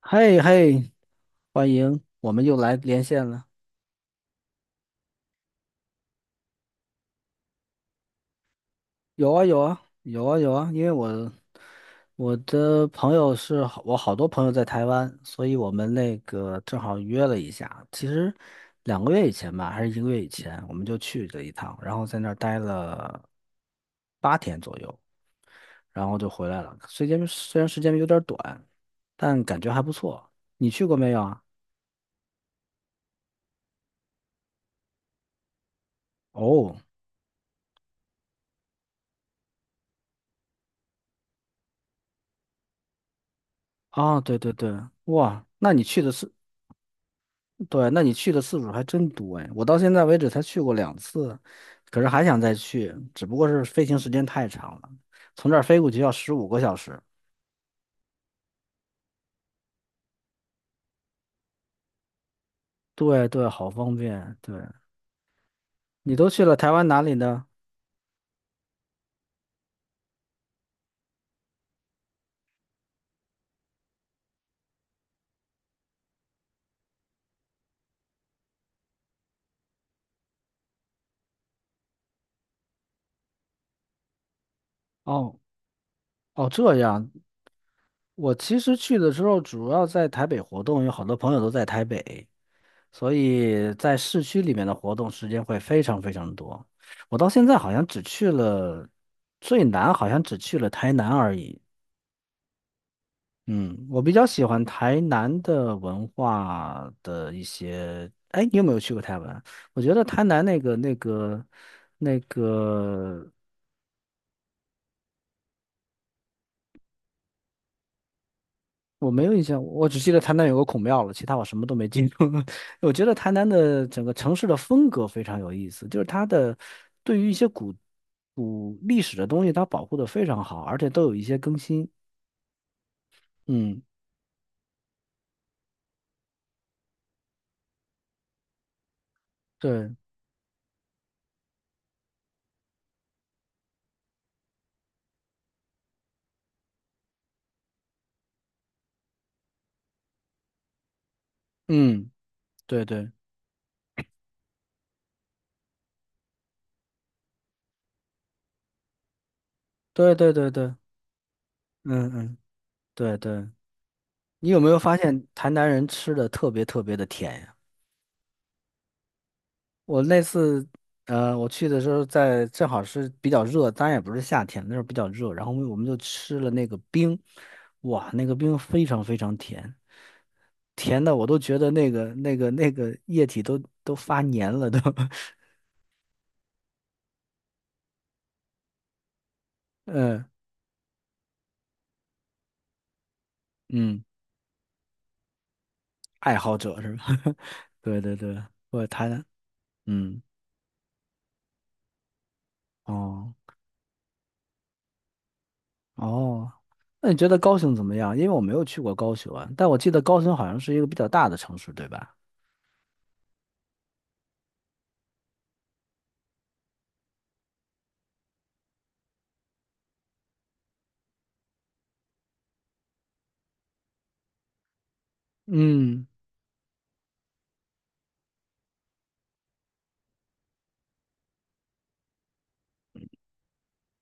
嘿嘿，欢迎，我们又来连线了。有啊有啊有啊有啊，因为我好多朋友在台湾，所以我们那个正好约了一下。其实2个月以前吧，还是一个月以前，我们就去了一趟，然后在那儿待了八天左右，然后就回来了。虽然时间有点短，但感觉还不错。你去过没有啊？哦，啊，对对对，哇，那你去的是？对，那你去的次数还真多哎，我到现在为止才去过两次，可是还想再去，只不过是飞行时间太长了，从这儿飞过去要15个小时。对对，好方便。对，你都去了台湾哪里呢？哦哦，这样。我其实去的时候主要在台北活动，有好多朋友都在台北，所以在市区里面的活动时间会非常非常多。我到现在好像只去了最南，好像只去了台南而已。嗯，我比较喜欢台南的文化的一些。哎，你有没有去过台湾？我觉得台南那个、那个、那个，我没有印象，我只记得台南有个孔庙了，其他我什么都没记住。我觉得台南的整个城市的风格非常有意思，就是它的对于一些古历史的东西，它保护的非常好，而且都有一些更新。嗯，对，嗯，对对对对对对，嗯嗯，对对。你有没有发现台南人吃的特别特别的甜呀？我那次，呃，我去的时候在正好是比较热，当然也不是夏天，那时候比较热，然后我们就吃了那个冰，哇，那个冰非常非常甜，甜的我都觉得那个液体都发黏了都，嗯嗯，爱好者是吧？对对对，我台南，嗯哦。哦，那你觉得高雄怎么样？因为我没有去过高雄啊，但我记得高雄好像是一个比较大的城市，对吧？嗯，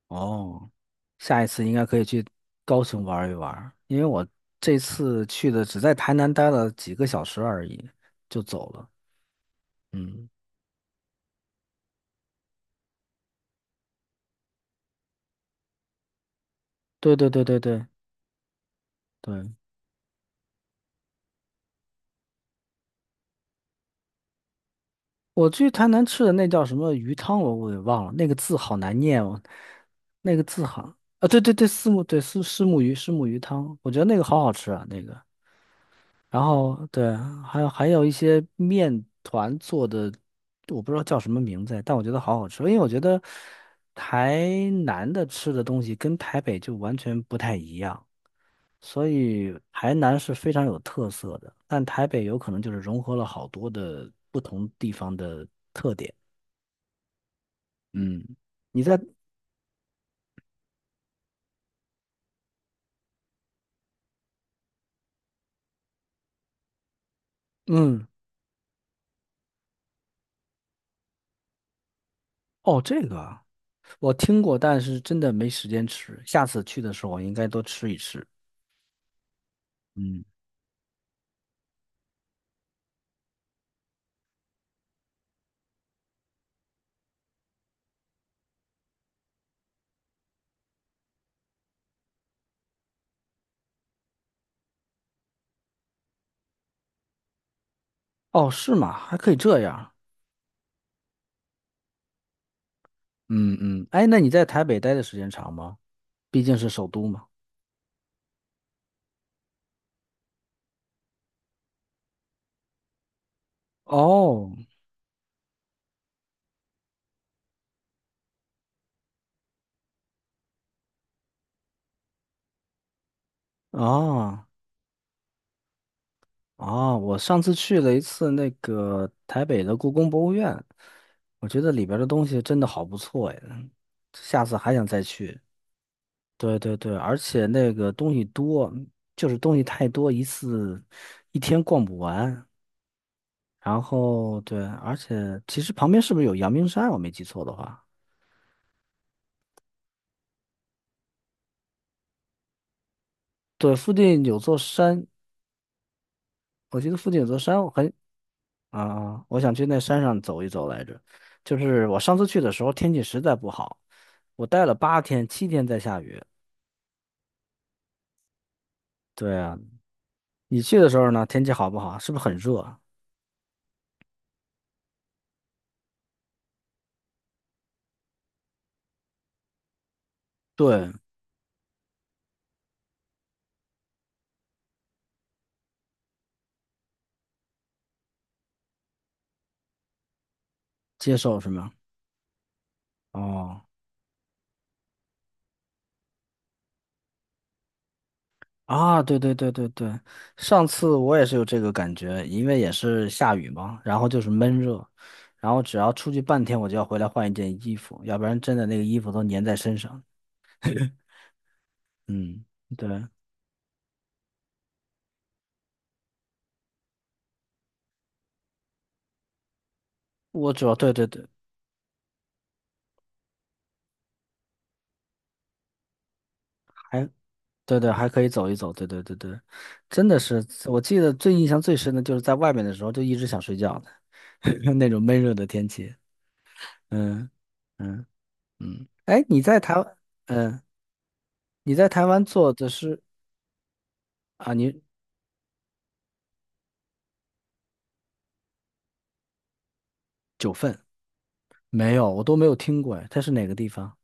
哦，下一次应该可以去高雄玩一玩，因为我这次去的只在台南待了几个小时而已，就走了。嗯，对对对对对对，我去台南吃的那叫什么鱼汤，我给忘了，那个字好难念哦，那个字好啊，对对对，四目对丝虱目鱼汤，我觉得那个好好吃啊，那个。然后对，还有一些面团做的，我不知道叫什么名字，但我觉得好好吃。因为我觉得台南的吃的东西跟台北就完全不太一样，所以台南是非常有特色的，但台北有可能就是融合了好多的不同地方的特点。嗯，你在嗯哦这个啊我听过，但是真的没时间吃，下次去的时候我应该多吃一吃。嗯，哦是吗？还可以这样。嗯嗯，哎，那你在台北待的时间长吗？毕竟是首都嘛。哦，啊啊，我上次去了一次那个台北的故宫博物院，我觉得里边儿的东西真的好不错呀，下次还想再去。对对对，而且那个东西多，就是东西太多，一次一天逛不完。然后对，而且其实旁边是不是有阳明山？我没记错的话，对，附近有座山，我记得附近有座山，我很啊，我想去那山上走一走来着。就是我上次去的时候天气实在不好，我待了八天，7天在下雨。对啊，你去的时候呢，天气好不好？是不是很热啊？对，接受是吗？哦，啊，对对对对对，上次我也是有这个感觉，因为也是下雨嘛，然后就是闷热，然后只要出去半天，我就要回来换一件衣服，要不然真的那个衣服都粘在身上。嗯，对，我主要对对对，还对对，还可以走一走，对对对对，真的是，我记得最印象最深的就是在外面的时候就一直想睡觉的，那种闷热的天气，嗯嗯嗯，哎，你在台湾，嗯，你在台湾做的是啊，你九份没有，我都没有听过，哎，它是哪个地方？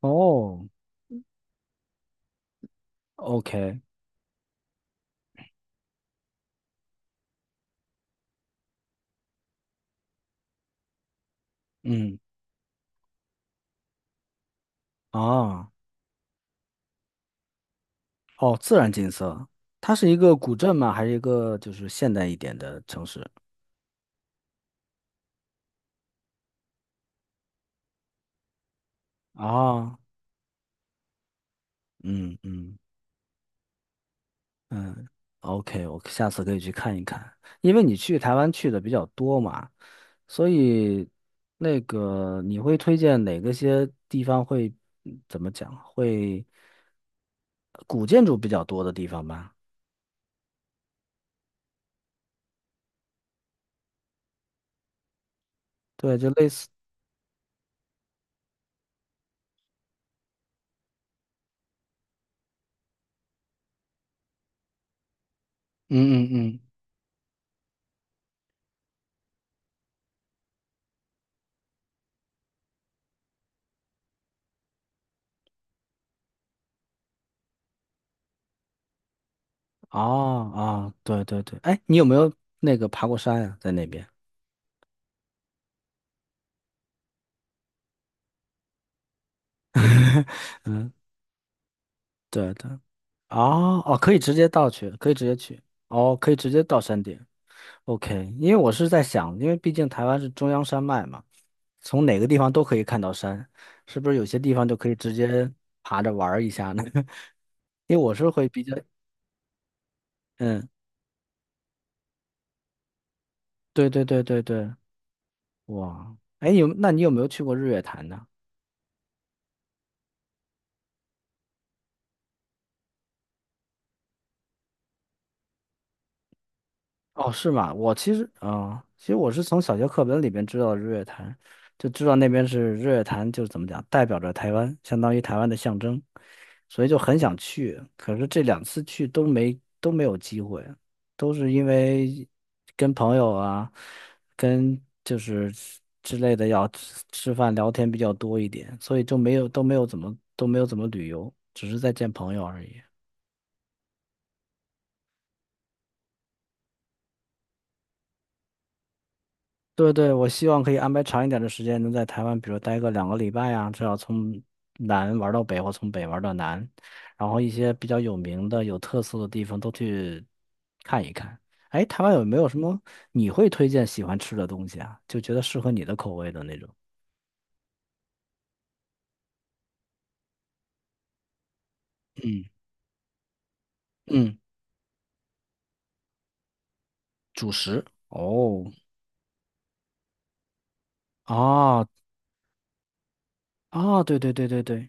哦，OK，嗯，啊，哦，自然景色，它是一个古镇吗？还是一个就是现代一点的城市？啊，嗯嗯。嗯，OK，我下次可以去看一看，因为你去台湾去的比较多嘛，所以那个你会推荐哪个些地方会嗯怎么讲，会古建筑比较多的地方吧？对，就类似，嗯嗯嗯，哦哦，对对对，哎，你有没有那个爬过山呀、在那边？嗯，对对，哦哦，可以直接到去，可以直接去，哦，可以直接到山顶，OK，因为我是在想，因为毕竟台湾是中央山脉嘛，从哪个地方都可以看到山，是不是有些地方就可以直接爬着玩儿一下呢？因为我是会比较，嗯，对对对对对，哇，哎，有，那你有没有去过日月潭呢？哦，是吗？我其实，嗯，其实我是从小学课本里边知道日月潭，就知道那边是日月潭，就是怎么讲，代表着台湾，相当于台湾的象征，所以就很想去。可是这两次去都没有机会，都是因为跟朋友啊，跟就是之类的要吃吃饭聊天比较多一点，所以就没有都没有怎么都没有怎么旅游，只是在见朋友而已。对对，我希望可以安排长一点的时间，能在台湾，比如待个2个礼拜啊，至少从南玩到北，或从北玩到南，然后一些比较有名的、有特色的地方都去看一看。哎，台湾有没有什么你会推荐喜欢吃的东西啊？就觉得适合你的口味的那种？嗯，主食。哦，啊啊，对对对对对，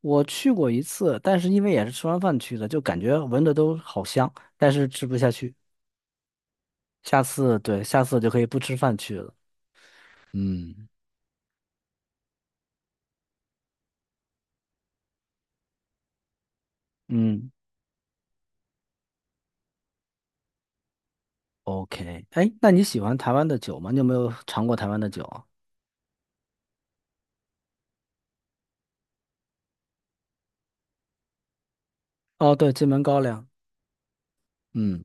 我去过一次，但是因为也是吃完饭去的，就感觉闻着都好香，但是吃不下去。下次，对，下次就可以不吃饭去了。嗯嗯，OK，哎，那你喜欢台湾的酒吗？你有没有尝过台湾的酒啊？哦，对，金门高粱，嗯，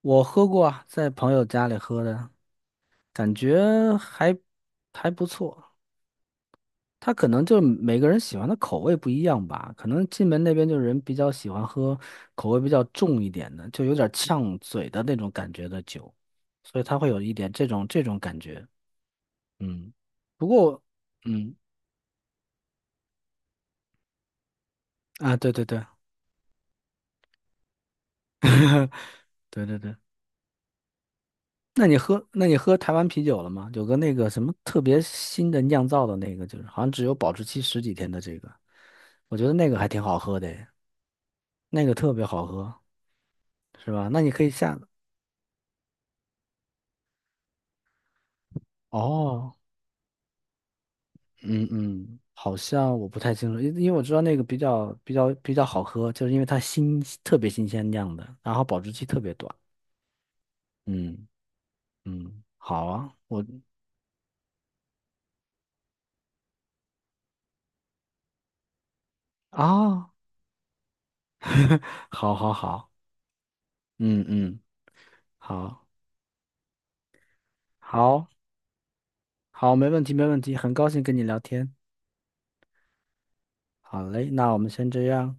我喝过啊，在朋友家里喝的，感觉还还不错。他可能就每个人喜欢的口味不一样吧，可能金门那边就人比较喜欢喝口味比较重一点的，就有点呛嘴的那种感觉的酒，所以他会有一点这种感觉。嗯，不过，嗯啊，对对对对对对。那你喝台湾啤酒了吗？有个那个什么特别新的酿造的那个，就是好像只有保质期十几天的这个，我觉得那个还挺好喝的诶那个特别好喝，是吧？那你可以下，哦，嗯嗯，好像我不太清楚，因为我知道那个比较好喝，就是因为它特别新鲜酿的，然后保质期特别短。嗯嗯，好啊，我啊，好好好，嗯嗯，好好。好，没问题，没问题，很高兴跟你聊天。好嘞，那我们先这样。